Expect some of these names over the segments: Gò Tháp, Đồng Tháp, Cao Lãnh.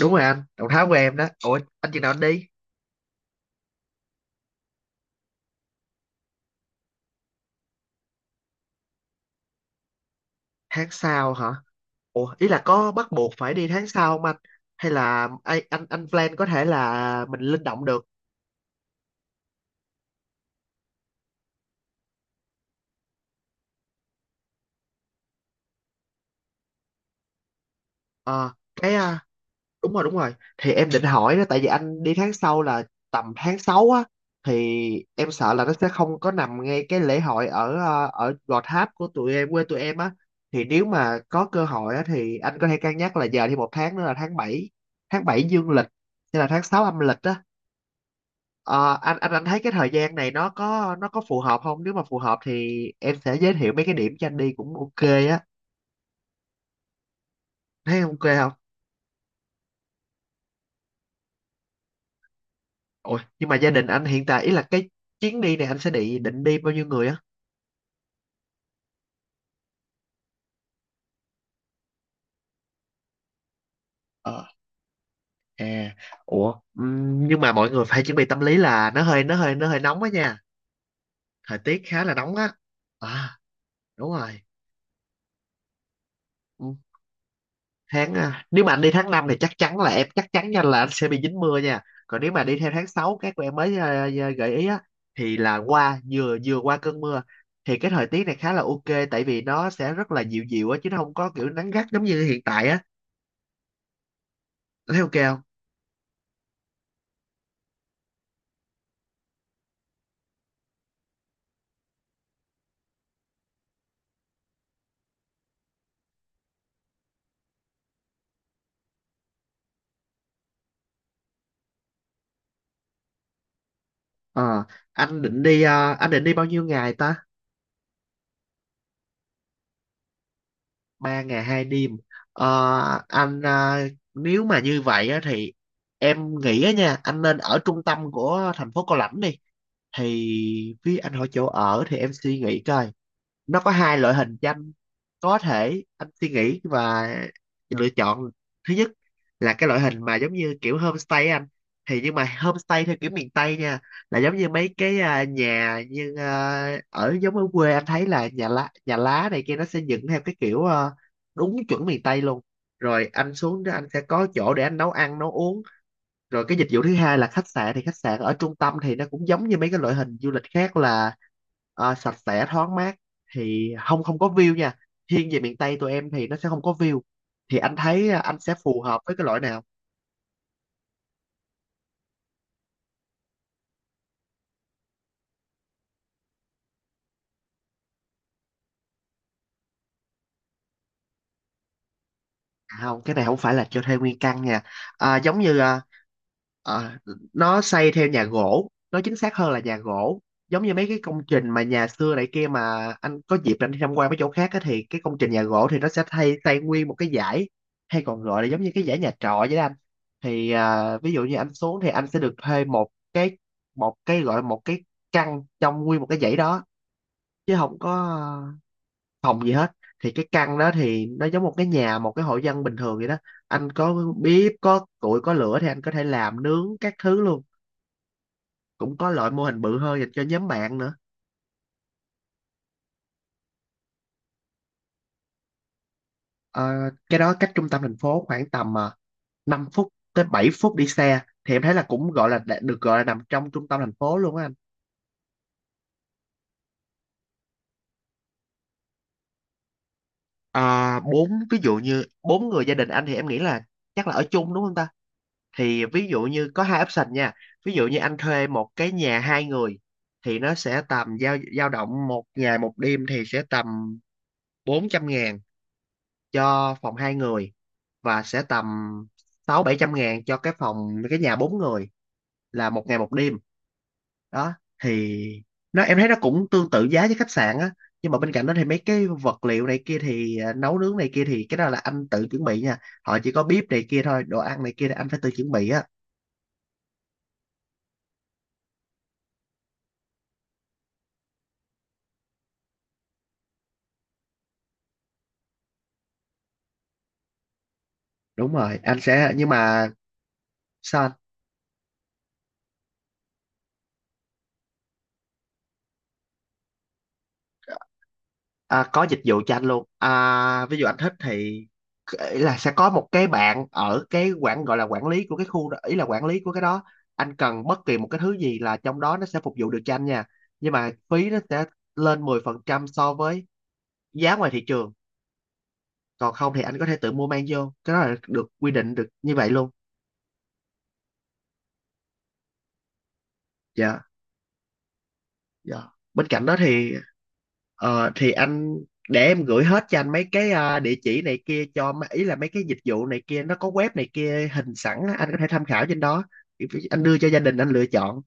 Đúng rồi anh, Đồng Tháp của em đó. Ủa, anh chừng nào anh đi? Tháng sau hả? Ủa, ý là có bắt buộc phải đi tháng sau không anh? Hay là anh plan có thể là mình linh động được. Ờ cái à, đúng rồi đúng rồi, thì em định hỏi đó, tại vì anh đi tháng sau là tầm tháng 6 á, thì em sợ là nó sẽ không có nằm ngay cái lễ hội ở Gò Tháp của tụi em, quê tụi em á. Thì nếu mà có cơ hội á thì anh có thể cân nhắc là giờ thì một tháng nữa là tháng bảy, tháng 7 dương lịch hay là tháng 6 âm lịch á. Anh thấy cái thời gian này nó có phù hợp không? Nếu mà phù hợp thì em sẽ giới thiệu mấy cái điểm cho anh đi cũng ok á. Thấy ok không? Ôi, nhưng mà gia đình anh hiện tại ý là cái chuyến đi này anh sẽ định định đi bao nhiêu người á? Ờ, à, ủa, nhưng mà mọi người phải chuẩn bị tâm lý là nó hơi nóng á nha. Thời tiết khá là nóng á. À, đúng rồi. Nếu mà anh đi tháng 5 thì chắc chắn là em chắc chắn nha, là anh sẽ bị dính mưa nha. Còn nếu mà đi theo tháng 6 các của em mới gợi ý á, thì là qua vừa vừa qua cơn mưa, thì cái thời tiết này khá là ok, tại vì nó sẽ rất là dịu dịu á, chứ nó không có kiểu nắng gắt giống như hiện tại á. Anh thấy ok không? Ờ anh định đi ờ, anh định đi bao nhiêu ngày ta? Ba ngày hai đêm? Ờ anh ờ, nếu mà như vậy á thì em nghĩ á nha, anh nên ở trung tâm của thành phố Cao Lãnh đi. Thì với anh hỏi chỗ ở thì em suy nghĩ coi, nó có hai loại hình tranh có thể anh suy nghĩ và lựa chọn. Thứ nhất là cái loại hình mà giống như kiểu homestay á anh, thì nhưng mà homestay theo kiểu miền Tây nha, là giống như mấy cái nhà, như ở giống ở quê, anh thấy là nhà lá này kia, nó sẽ dựng theo cái kiểu, đúng chuẩn miền Tây luôn. Rồi anh xuống đó anh sẽ có chỗ để anh nấu ăn nấu uống. Rồi cái dịch vụ thứ hai là khách sạn, thì khách sạn ở trung tâm thì nó cũng giống như mấy cái loại hình du lịch khác, là sạch sẽ thoáng mát, thì không không có view nha, thiên về miền Tây tụi em thì nó sẽ không có view. Thì anh thấy anh sẽ phù hợp với cái loại nào? À không, cái này không phải là cho thuê nguyên căn nha. Giống như à, nó xây theo nhà gỗ, nó chính xác hơn là nhà gỗ. Giống như mấy cái công trình mà nhà xưa này kia, mà anh có dịp anh đi tham quan mấy chỗ khác á, thì cái công trình nhà gỗ thì nó sẽ thay xây nguyên một cái dãy, hay còn gọi là giống như cái dãy nhà trọ vậy đó anh. Thì ví dụ như anh xuống thì anh sẽ được thuê một cái, một cái gọi là một cái căn trong nguyên một cái dãy đó, chứ không có phòng gì hết. Thì cái căn đó thì nó giống một cái nhà, một cái hộ dân bình thường vậy đó. Anh có bếp có củi có lửa thì anh có thể làm nướng các thứ luôn. Cũng có loại mô hình bự hơn dành cho nhóm bạn nữa. Ờ, cái đó cách trung tâm thành phố khoảng tầm 5 phút tới 7 phút đi xe, thì em thấy là cũng gọi là được gọi là nằm trong trung tâm thành phố luôn á anh. À, bốn ví dụ như bốn người gia đình anh thì em nghĩ là chắc là ở chung đúng không ta? Thì ví dụ như có hai option nha. Ví dụ như anh thuê một cái nhà hai người thì nó sẽ tầm dao dao động, một ngày một đêm thì sẽ tầm 400.000 cho phòng hai người, và sẽ tầm sáu bảy trăm ngàn cho cái phòng, cái nhà bốn người, là một ngày một đêm. Đó thì nó, em thấy nó cũng tương tự giá với khách sạn á. Nhưng mà bên cạnh đó thì mấy cái vật liệu này kia thì, nấu nướng này kia thì cái đó là anh tự chuẩn bị nha. Họ chỉ có bếp này kia thôi, đồ ăn này kia là anh phải tự chuẩn bị á. Đúng rồi anh sẽ, nhưng mà... Sao anh? Có dịch vụ cho anh luôn, ví dụ anh thích thì, ý là sẽ có một cái bạn ở cái quản, gọi là quản lý của cái khu đó, ý là quản lý của cái đó. Anh cần bất kỳ một cái thứ gì là trong đó nó sẽ phục vụ được cho anh nha, nhưng mà phí nó sẽ lên 10% so với giá ngoài thị trường. Còn không thì anh có thể tự mua mang vô, cái đó là được quy định được như vậy luôn. Dạ. Dạ. Bên cạnh đó thì ờ, thì anh để em gửi hết cho anh mấy cái, địa chỉ này kia cho ý là mấy cái dịch vụ này kia, nó có web này kia hình sẵn á, anh có thể tham khảo trên đó. Anh đưa cho gia đình anh lựa chọn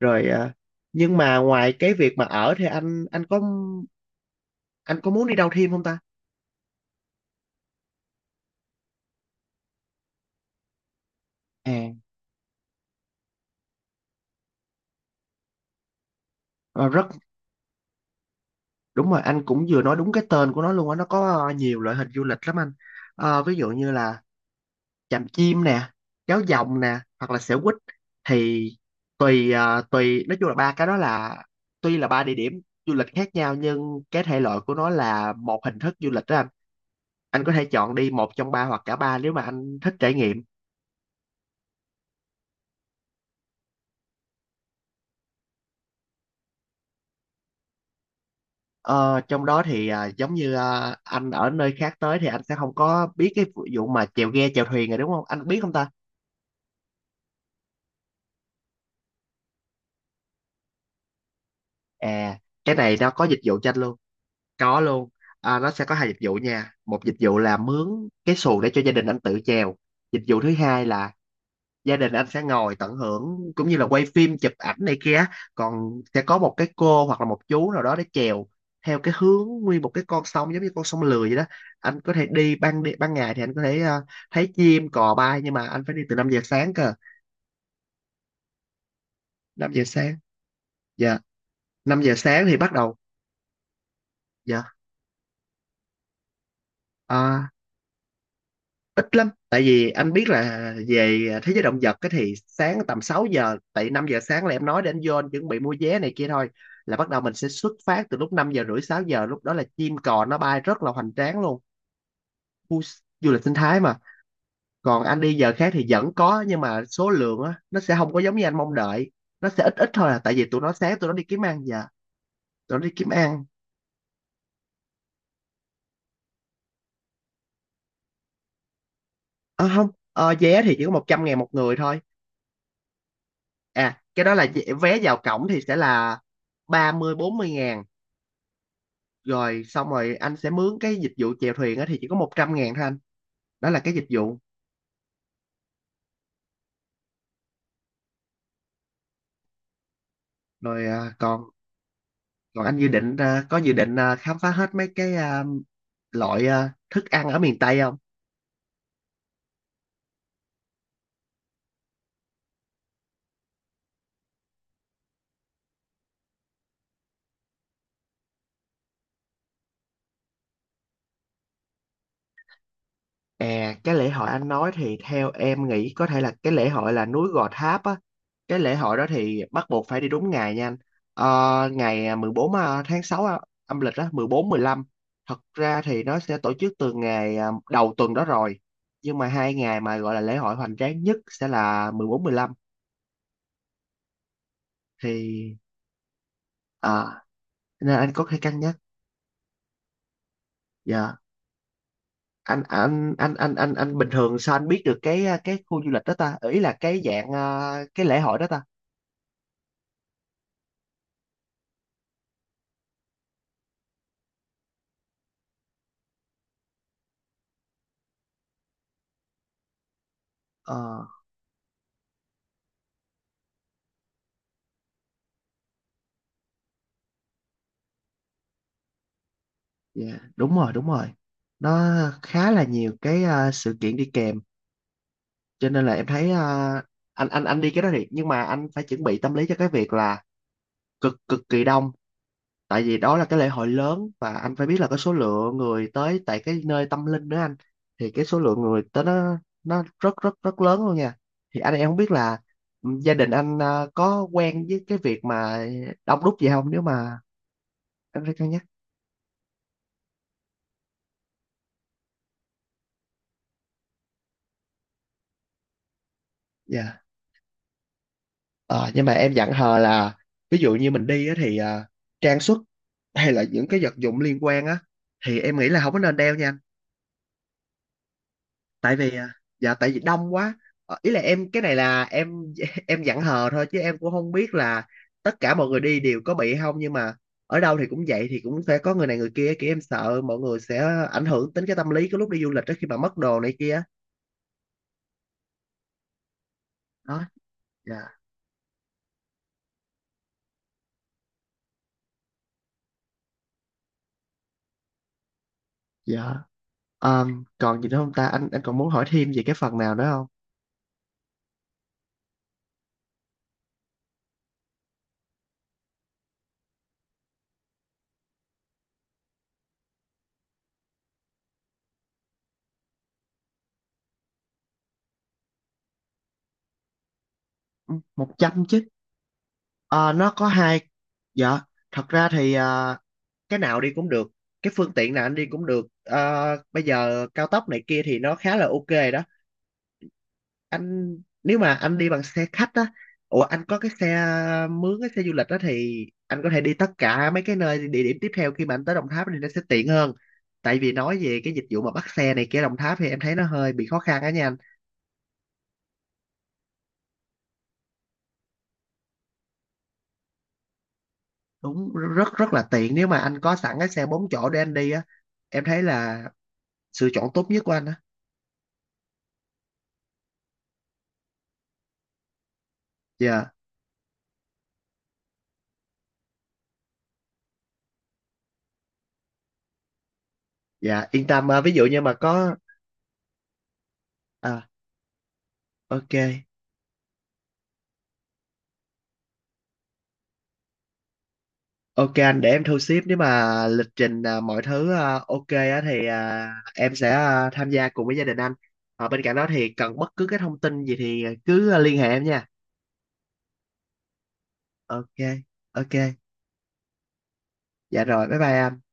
rồi. Nhưng mà ngoài cái việc mà ở thì anh có muốn đi đâu thêm không ta? À, ờ, rất đúng rồi, anh cũng vừa nói đúng cái tên của nó luôn á, nó có nhiều loại hình du lịch lắm anh. Ờ, ví dụ như là chạm chim nè, kéo dòng nè, hoặc là xẻo quýt. Thì tùy ờ, tùy nói chung là ba cái đó là, tuy là ba địa điểm du lịch khác nhau nhưng cái thể loại của nó là một hình thức du lịch đó anh. Anh có thể chọn đi một trong ba hoặc cả ba nếu mà anh thích trải nghiệm. Ờ, trong đó thì giống như anh ở nơi khác tới thì anh sẽ không có biết cái vụ mà chèo ghe chèo thuyền rồi, đúng không, anh biết không ta? À, cái này nó có dịch vụ cho anh luôn. Có luôn. À, nó sẽ có hai dịch vụ nha. Một dịch vụ là mướn cái xuồng để cho gia đình anh tự chèo. Dịch vụ thứ hai là gia đình anh sẽ ngồi tận hưởng cũng như là quay phim, chụp ảnh này kia á. Còn sẽ có một cái cô hoặc là một chú nào đó để chèo theo cái hướng nguyên một cái con sông, giống như con sông lười vậy đó. Anh có thể đi ban ngày thì anh có thể thấy chim cò bay, nhưng mà anh phải đi từ 5 giờ sáng cơ. 5 giờ sáng. Dạ. 5 giờ sáng thì bắt đầu. Dạ. À, ít lắm, tại vì anh biết là về thế giới động vật, cái thì sáng tầm 6 giờ, tại 5 giờ sáng là em nói để anh vô anh chuẩn bị mua vé này kia thôi, là bắt đầu mình sẽ xuất phát từ lúc 5 giờ rưỡi, 6 giờ, lúc đó là chim cò nó bay rất là hoành tráng luôn. Khu du lịch sinh thái mà. Còn anh đi giờ khác thì vẫn có, nhưng mà số lượng á nó sẽ không có giống như anh mong đợi, nó sẽ ít ít thôi à, tại vì tụi nó sáng tụi nó đi kiếm ăn giờ. Tụi nó đi kiếm ăn. Ờ không. Vé thì chỉ có 100.000 một người thôi. À, cái đó là vé vào cổng thì sẽ là ba mươi bốn mươi ngàn. Rồi xong rồi anh sẽ mướn cái dịch vụ chèo thuyền á, thì chỉ có 100 ngàn thôi anh. Đó là cái dịch vụ. Rồi. Còn còn anh dự định, có dự định, khám phá hết mấy cái, loại, thức ăn ở miền Tây không? À, cái lễ hội anh nói thì theo em nghĩ có thể là cái lễ hội là núi Gò Tháp á. Cái lễ hội đó thì bắt buộc phải đi đúng ngày nha anh. Ờ, ngày 14 à, tháng 6 á, âm lịch á, 14, 15. Thật ra thì nó sẽ tổ chức từ ngày đầu tuần đó rồi. Nhưng mà 2 ngày mà gọi là lễ hội hoành tráng nhất sẽ là 14, 15. Thì à, nên anh có thể cân nhắc. Dạ. Anh bình thường sao anh biết được cái khu du lịch đó ta? Ý là cái dạng cái lễ hội đó ta? Ờ, dạ, đúng rồi, đúng rồi. Nó khá là nhiều cái sự kiện đi kèm, cho nên là em thấy anh đi cái đó thì nhưng mà anh phải chuẩn bị tâm lý cho cái việc là cực cực kỳ đông, tại vì đó là cái lễ hội lớn và anh phải biết là cái số lượng người tới tại cái nơi tâm linh nữa anh, thì cái số lượng người tới nó rất rất rất lớn luôn nha. Thì anh em không biết là gia đình anh có quen với cái việc mà đông đúc gì không, nếu mà anh phải cân nhắc. Dạ. Ờ, nhưng mà em dặn hờ là ví dụ như mình đi á, thì trang sức hay là những cái vật dụng liên quan á thì em nghĩ là không có nên đeo nha anh. Tại vì dạ, tại vì đông quá. Ý là em, cái này là em em dặn hờ thôi, chứ em cũng không biết là tất cả mọi người đi đều có bị không, nhưng mà ở đâu thì cũng vậy, thì cũng sẽ có người này người kia, kiểu em sợ mọi người sẽ ảnh hưởng đến cái tâm lý cái lúc đi du lịch đó khi mà mất đồ này kia. Đó. Dạ. Dạ. Ờ, còn gì nữa không ta, anh còn muốn hỏi thêm về cái phần nào nữa không? Ừ, 100 chứ. Ờ, nó có hai. Dạ, thật ra thì cái nào đi cũng được, cái phương tiện nào anh đi cũng được. Ờ, bây giờ cao tốc này kia thì nó khá là ok rồi đó anh. Nếu mà anh đi bằng xe khách á, ủa anh có cái xe, mướn cái xe du lịch đó, thì anh có thể đi tất cả mấy cái nơi địa điểm tiếp theo khi mà anh tới Đồng Tháp thì nó sẽ tiện hơn. Tại vì nói về cái dịch vụ mà bắt xe này kia ở Đồng Tháp thì em thấy nó hơi bị khó khăn á nha anh. Đúng, rất rất là tiện nếu mà anh có sẵn cái xe 4 chỗ để anh đi á, em thấy là sự chọn tốt nhất của anh á. Dạ. Dạ, yên tâm ví dụ như mà có à ok. Ok anh, để em thu xếp nếu mà lịch trình mọi thứ ok á thì em sẽ tham gia cùng với gia đình anh. Bên cạnh đó thì cần bất cứ cái thông tin gì thì cứ liên hệ em nha. Ok. Ok, dạ rồi, bye bye anh.